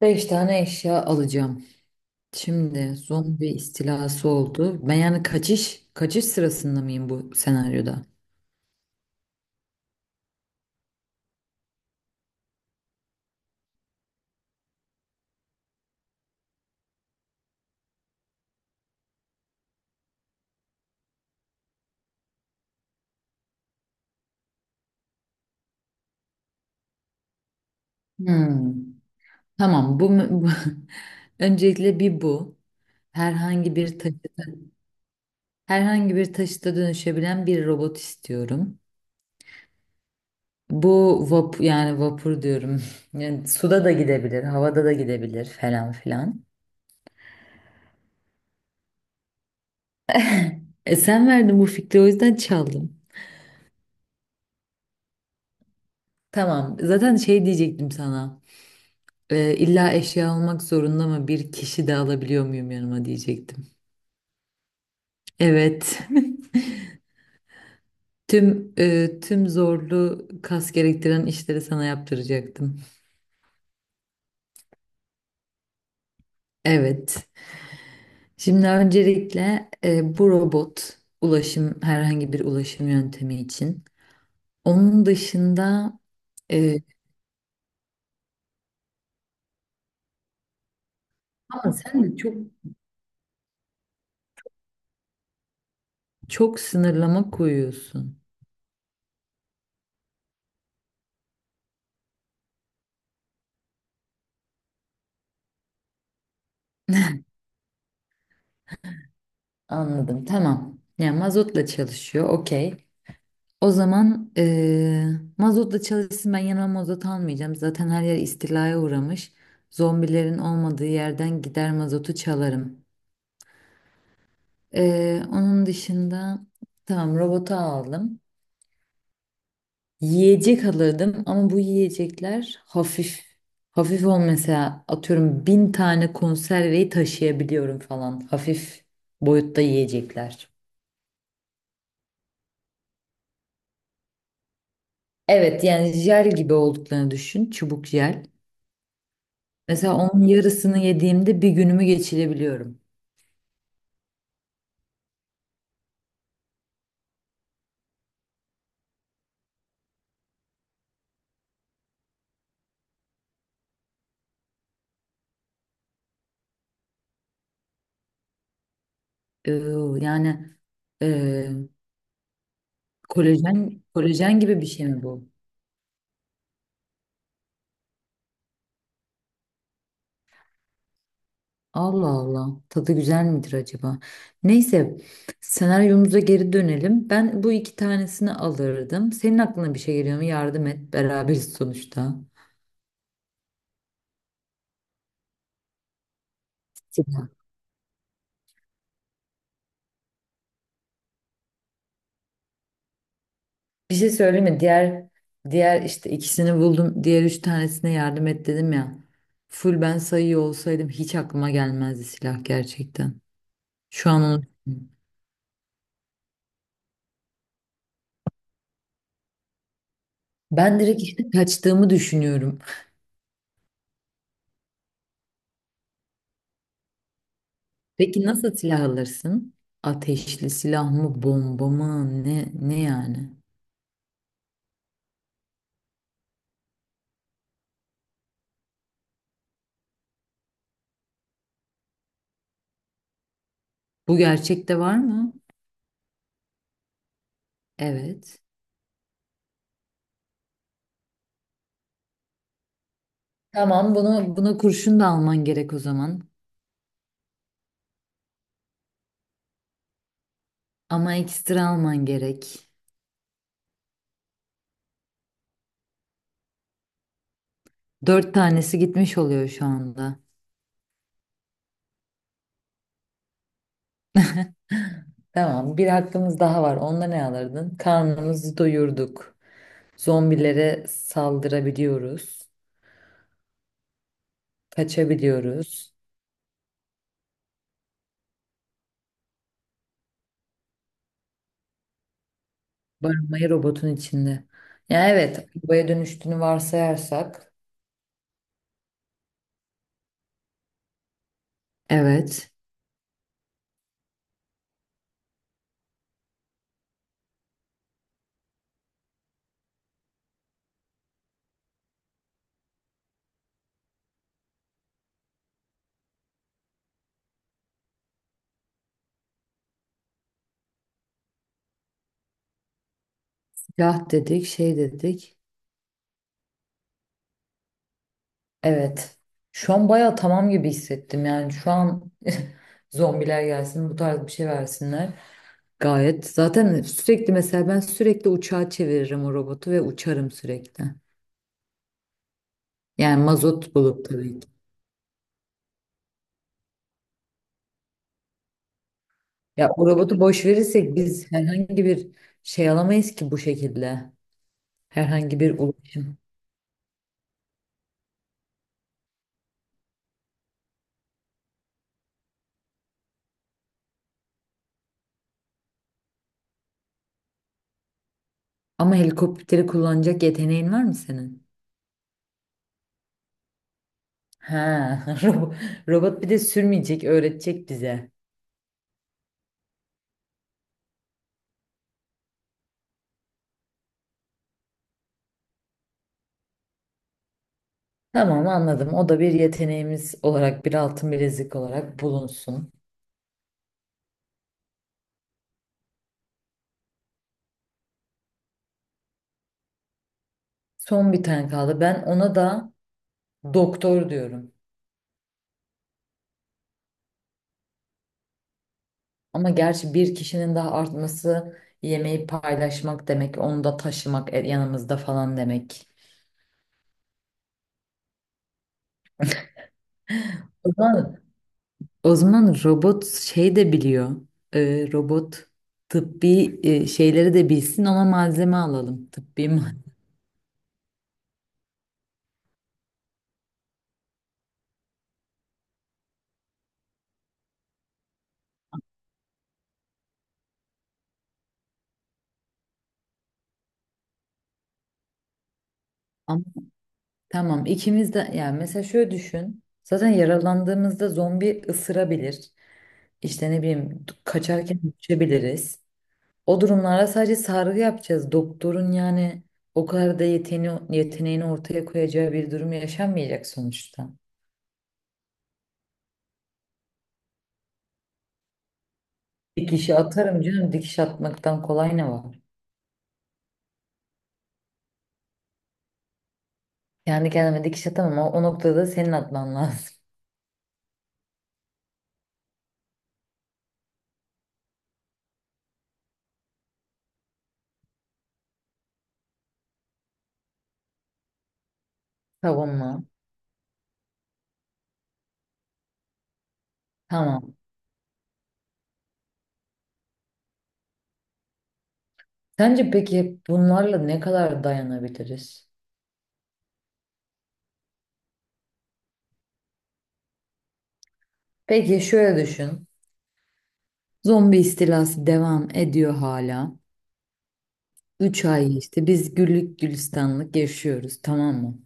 Beş tane eşya alacağım. Şimdi zombi istilası oldu. Ben yani kaçış sırasında mıyım bu senaryoda? Hmm. Tamam. Bu öncelikle bir bu. Herhangi bir taşı, herhangi bir taşıta dönüşebilen bir robot istiyorum. Bu vapur, yani vapur diyorum. Yani suda da gidebilir, havada da gidebilir falan filan. E sen verdin bu fikri, o yüzden çaldım. Tamam. Zaten şey diyecektim sana. İlla eşya olmak zorunda mı? Bir kişi de alabiliyor muyum yanıma diyecektim. Evet. Tüm zorlu kas gerektiren işleri sana yaptıracaktım. Evet. Şimdi öncelikle bu robot ulaşım, herhangi bir ulaşım yöntemi için. Onun dışında e, ama sen de çok çok sınırlama koyuyorsun. Anladım. Tamam. Yani mazotla çalışıyor. Okey. O zaman mazotla çalışsın, ben yanıma mazot almayacağım. Zaten her yer istilaya uğramış. Zombilerin olmadığı yerden gider mazotu çalarım. Onun dışında tamam, robotu aldım. Yiyecek alırdım ama bu yiyecekler hafif. Hafif ol, mesela atıyorum 1.000 tane konserveyi taşıyabiliyorum falan. Hafif boyutta yiyecekler. Evet, yani jel gibi olduklarını düşün. Çubuk jel. Mesela onun yarısını yediğimde bir günümü geçirebiliyorum. Ee, yani e, kolajen gibi bir şey mi bu? Allah Allah. Tadı güzel midir acaba? Neyse, senaryomuza geri dönelim. Ben bu iki tanesini alırdım. Senin aklına bir şey geliyor mu? Yardım et. Beraberiz sonuçta. Bir şey söyleyeyim mi? Diğer işte ikisini buldum. Diğer üç tanesine yardım et dedim ya. Full ben sayıyor olsaydım hiç aklıma gelmezdi silah gerçekten. Şu an onu ben direkt işte kaçtığımı düşünüyorum. Peki nasıl silah alırsın? Ateşli silah mı, bomba mı? Ne yani? Bu gerçekte var mı? Evet. Tamam, bunu buna kurşun da alman gerek o zaman. Ama ekstra alman gerek. Dört tanesi gitmiş oluyor şu anda. Tamam, bir hakkımız daha var. Onda ne alırdın? Karnımızı doyurduk. Zombilere saldırabiliyoruz. Kaçabiliyoruz. Barınmayı robotun içinde. Ya evet, arabaya dönüştüğünü varsayarsak. Evet. Silah dedik, şey dedik. Evet. Şu an bayağı tamam gibi hissettim. Yani şu an zombiler gelsin, bu tarz bir şey versinler. Gayet. Zaten sürekli, mesela ben sürekli uçağa çeviririm o robotu ve uçarım sürekli. Yani mazot bulup tabii. Ya o robotu boş verirsek biz herhangi bir şey alamayız ki bu şekilde. Herhangi bir ulaşım. Ama helikopteri kullanacak yeteneğin var mı senin? Ha, robo- robot bir de sürmeyecek, öğretecek bize. Tamam, anladım. O da bir yeteneğimiz olarak, bir altın bilezik olarak bulunsun. Son bir tane kaldı. Ben ona da doktor diyorum. Ama gerçi bir kişinin daha artması yemeği paylaşmak demek, onu da taşımak yanımızda falan demek. O zaman O zaman robot şey de biliyor. Robot tıbbi şeyleri de bilsin, ona malzeme alalım. Tıbbi mal- Ama tamam, ikimiz de, yani mesela şöyle düşün. Zaten yaralandığımızda zombi ısırabilir. İşte ne bileyim, kaçarken düşebiliriz. O durumlarda sadece sargı yapacağız. Doktorun yani o kadar da yeteneğini ortaya koyacağı bir durum yaşanmayacak sonuçta. Dikişi atarım canım, dikiş atmaktan kolay ne var? Kendi kendime dikiş atamam ama o noktada senin atman lazım. Tamam mı? Tamam. Sence peki bunlarla ne kadar dayanabiliriz? Peki şöyle düşün. Zombi istilası devam ediyor hala. 3 ay işte biz güllük gülistanlık yaşıyoruz, tamam mı?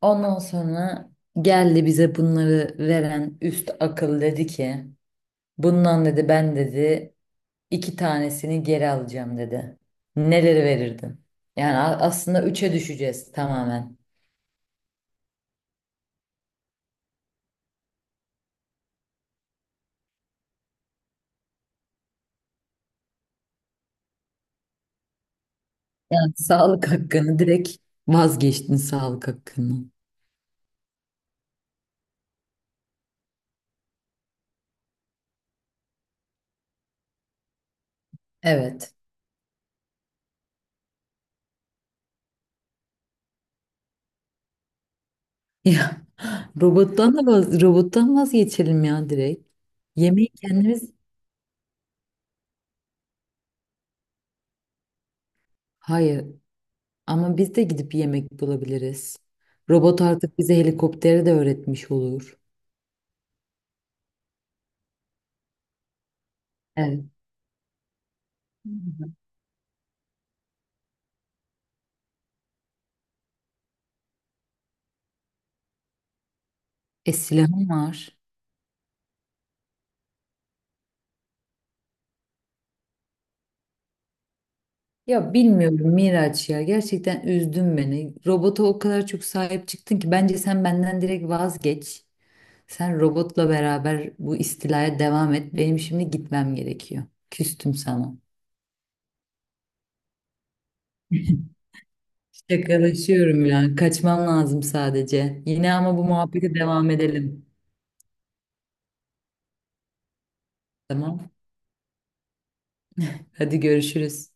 Ondan sonra geldi bize bunları veren üst akıl, dedi ki bundan dedi ben dedi iki tanesini geri alacağım dedi. Neleri verirdin? Yani aslında üçe düşeceğiz tamamen. Yani sağlık hakkını direkt vazgeçtin sağlık hakkını. Evet. Ya robottan vazgeçelim ya direkt. Yemeği kendimiz Hayır, ama biz de gidip yemek bulabiliriz. Robot artık bize helikopteri de öğretmiş olur. Evet. E silahım var. Ya bilmiyorum Miraç ya, gerçekten üzdün beni. Robota o kadar çok sahip çıktın ki bence sen benden direkt vazgeç. Sen robotla beraber bu istilaya devam et. Benim şimdi gitmem gerekiyor. Küstüm sana. Şakalaşıyorum ya. Kaçmam lazım sadece. Yine ama bu muhabbete devam edelim. Tamam. Hadi görüşürüz.